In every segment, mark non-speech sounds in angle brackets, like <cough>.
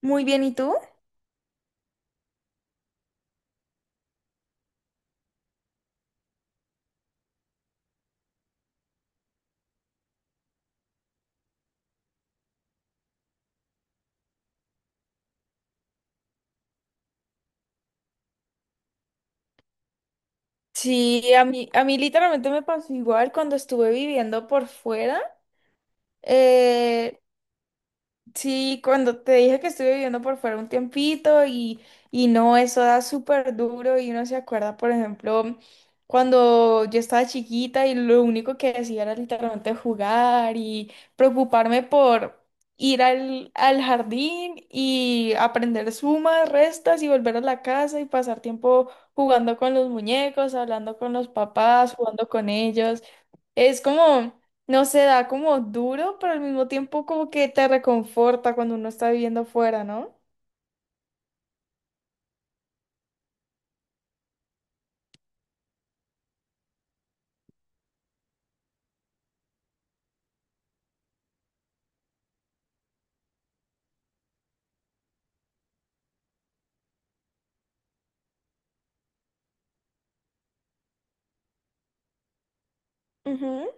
Muy bien, ¿y tú? Sí, a mí literalmente me pasó igual cuando estuve viviendo por fuera. Eh, Sí, cuando te dije que estuve viviendo por fuera un tiempito y no, eso da súper duro y uno se acuerda, por ejemplo, cuando yo estaba chiquita y lo único que hacía era literalmente jugar y preocuparme por ir al jardín y aprender sumas, restas y volver a la casa y pasar tiempo jugando con los muñecos, hablando con los papás, jugando con ellos. Es como... No se da como duro, pero al mismo tiempo como que te reconforta cuando uno está viviendo afuera, ¿no? Ujú.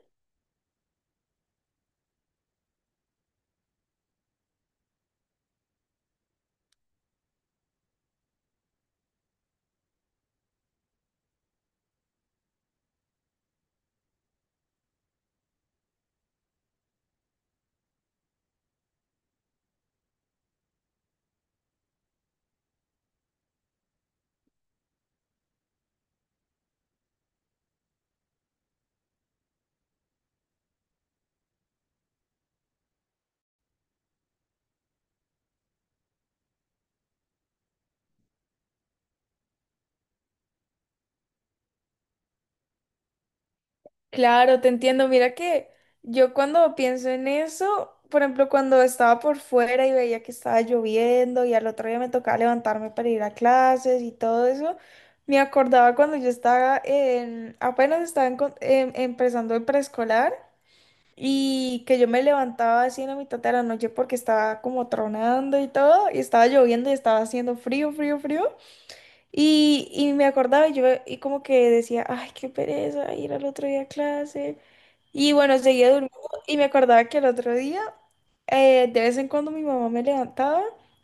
Claro, te entiendo. Mira que yo cuando pienso en eso, por ejemplo, cuando estaba por fuera y veía que estaba lloviendo y al otro día me tocaba levantarme para ir a clases y todo eso, me acordaba cuando yo apenas estaba en empezando el preescolar. Y que yo me levantaba así en la mitad de la noche porque estaba como tronando y todo, y estaba lloviendo y estaba haciendo frío, frío, frío. Y me acordaba y yo y como que decía, ay, qué pereza ir al otro día a clase. Y bueno, seguía durmiendo y me acordaba que el otro día, de vez en cuando mi mamá me levantaba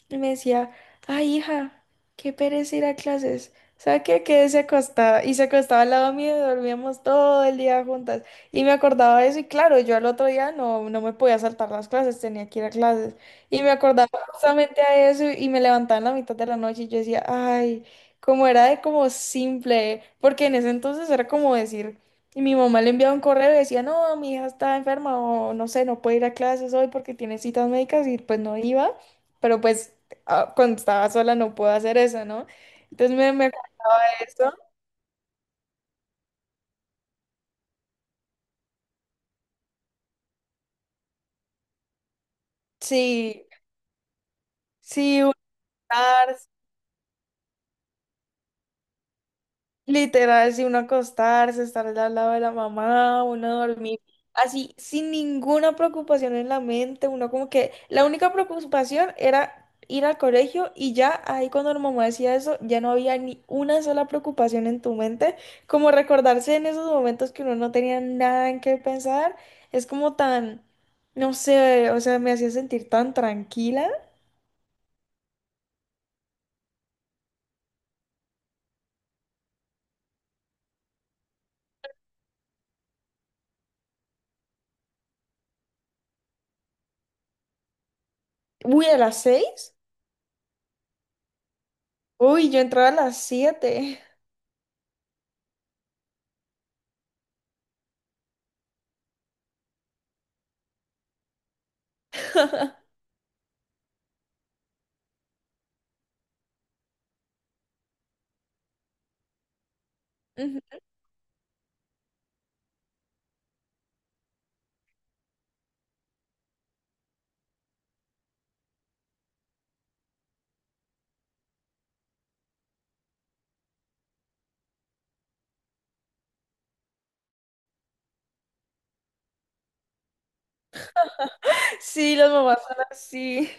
y me decía, ay, hija, qué pereza ir a clases. ¿Sabe qué? Quédese acostada. Y se acostaba al lado mío y dormíamos todo el día juntas. Y me acordaba de eso y claro, yo al otro día no, no me podía saltar las clases, tenía que ir a clases. Y me acordaba justamente a eso y me levantaba en la mitad de la noche y yo decía, ay, como era de como simple, porque en ese entonces era como decir, y mi mamá le enviaba un correo y decía, no, mi hija está enferma o no sé, no puede ir a clases hoy porque tiene citas médicas y pues no iba, pero pues ah, cuando estaba sola no puedo hacer eso, ¿no? Entonces me acuerdo de eso. Sí, sí, literal, si uno acostarse, estar al lado de la mamá, uno dormir así, sin ninguna preocupación en la mente, uno como que la única preocupación era ir al colegio y ya ahí cuando la mamá decía eso, ya no había ni una sola preocupación en tu mente, como recordarse en esos momentos que uno no tenía nada en qué pensar, es como tan, no sé, o sea, me hacía sentir tan tranquila. Uy, a las 6, uy, yo entraba a las 7. <laughs> Sí, las mamás son así.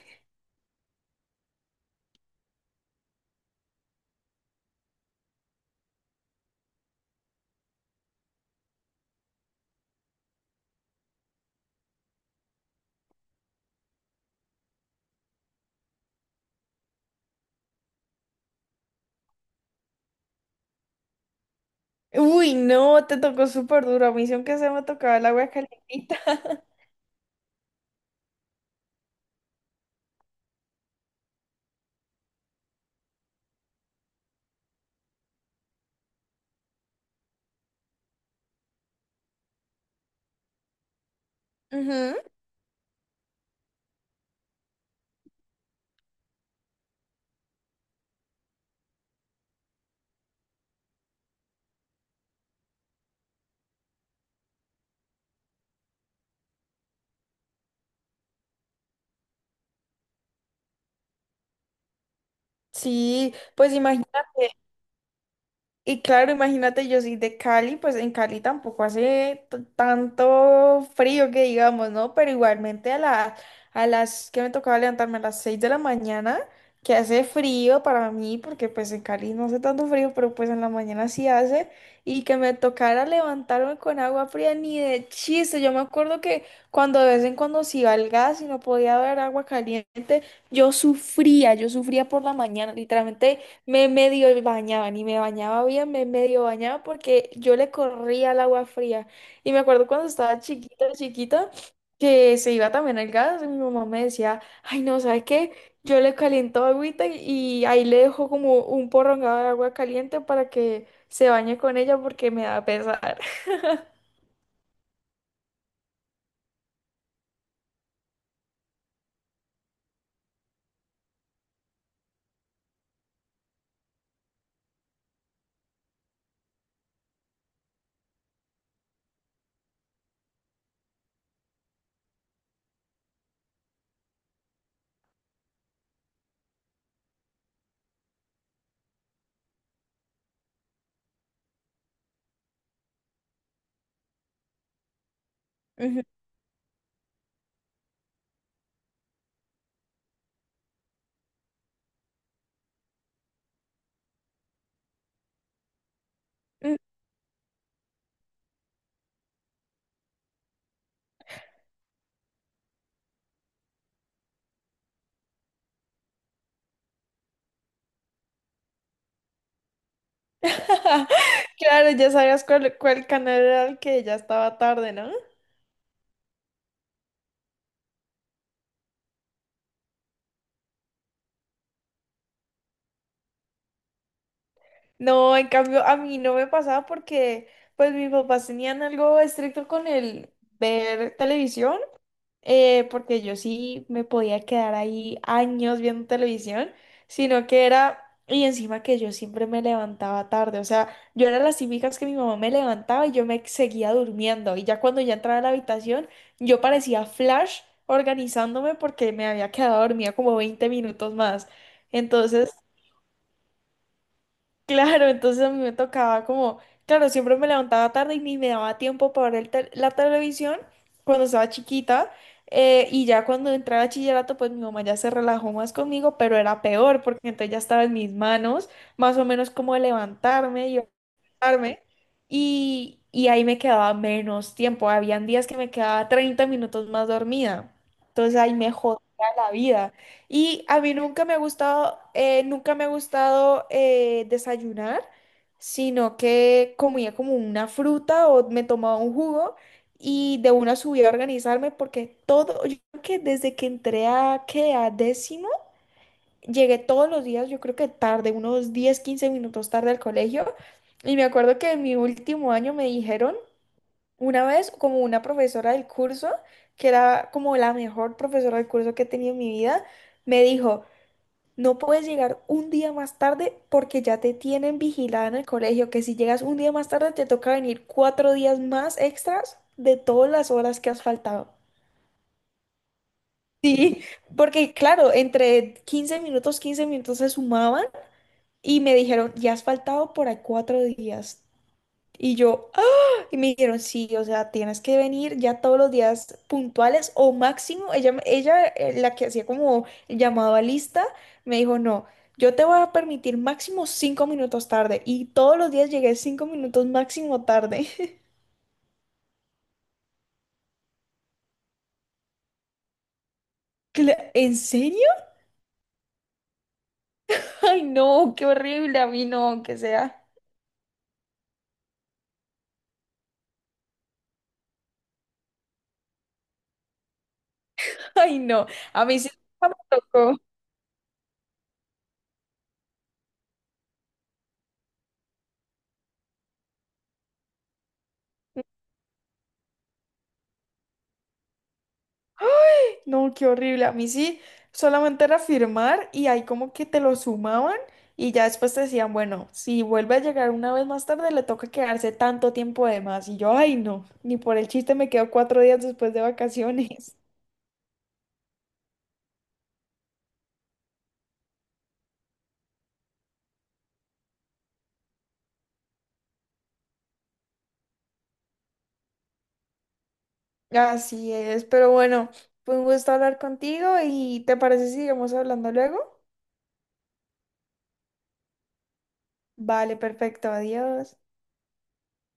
Uy, no, te tocó súper duro. A mí sí, aunque se me tocaba el agua calientita. Ujú. Sí, pues imagínate. Y claro, imagínate, yo soy de Cali, pues en Cali tampoco hace tanto frío que digamos, ¿no? Pero igualmente a las que me tocaba levantarme a las 6 de la mañana, que hace frío para mí, porque pues en Cali no hace tanto frío, pero pues en la mañana sí hace, y que me tocara levantarme con agua fría, ni de chiste. Yo me acuerdo que cuando de vez en cuando se iba el gas y no podía haber agua caliente, yo sufría por la mañana, literalmente. Me medio bañaba, ni me bañaba bien, me medio bañaba porque yo le corría al agua fría. Y me acuerdo cuando estaba chiquita, chiquita, que se iba también al gas y mi mamá me decía, ay, no, ¿sabes qué? Yo le caliento agüita y ahí le dejo como un porrongado de agua caliente para que se bañe con ella porque me da pesar. <laughs> Ujú. <laughs> Claro, ya sabías cuál canal era el que ya estaba tarde, ¿no? No, en cambio a mí no me pasaba porque pues mis papás tenían algo estricto con el ver televisión, porque yo sí me podía quedar ahí años viendo televisión, sino que era, y encima que yo siempre me levantaba tarde, o sea, yo era las típicas que mi mamá me levantaba y yo me seguía durmiendo, y ya cuando ya entraba a la habitación, yo parecía Flash organizándome porque me había quedado dormida como 20 minutos más. Entonces... Claro, entonces a mí me tocaba como, claro, siempre me levantaba tarde y ni me daba tiempo para ver el la televisión cuando estaba chiquita. Y ya cuando entré a bachillerato, pues mi mamá ya se relajó más conmigo, pero era peor porque entonces ya estaba en mis manos, más o menos como levantarme y arme, y ahí me quedaba menos tiempo. Habían días que me quedaba 30 minutos más dormida. Entonces ahí me jodía la vida. Y a mí nunca me ha gustado, nunca me ha gustado desayunar, sino que comía como una fruta o me tomaba un jugo y de una subía a organizarme porque todo, yo creo que desde que entré a, ¿qué? A décimo. Llegué todos los días, yo creo que tarde, unos 10 15 minutos tarde al colegio. Y me acuerdo que en mi último año me dijeron una vez, como una profesora del curso, que era como la mejor profesora del curso que he tenido en mi vida, me dijo, no puedes llegar un día más tarde porque ya te tienen vigilada en el colegio, que si llegas un día más tarde te toca venir 4 días más extras de todas las horas que has faltado. Sí, porque claro, entre 15 minutos, 15 minutos se sumaban. Y me dijeron, ya has faltado por ahí 4 días. Y yo, ¡ah! Y me dijeron, sí, o sea, tienes que venir ya todos los días puntuales o máximo. Ella la que hacía como el llamado a lista, me dijo, no, yo te voy a permitir máximo 5 minutos tarde. Y todos los días llegué 5 minutos máximo tarde. <laughs> ¿En serio? Ay, no, qué horrible. A mí no, que sea. Ay, no. A mí sí nunca me tocó. No, qué horrible. A mí sí, solamente era firmar y ahí como que te lo sumaban y ya después te decían, bueno, si vuelve a llegar una vez más tarde, le toca quedarse tanto tiempo de más. Y yo, ay, no, ni por el chiste me quedo 4 días después de vacaciones. <laughs> Así es, pero bueno, fue un gusto hablar contigo y ¿te parece si sigamos hablando luego? Vale, perfecto, adiós.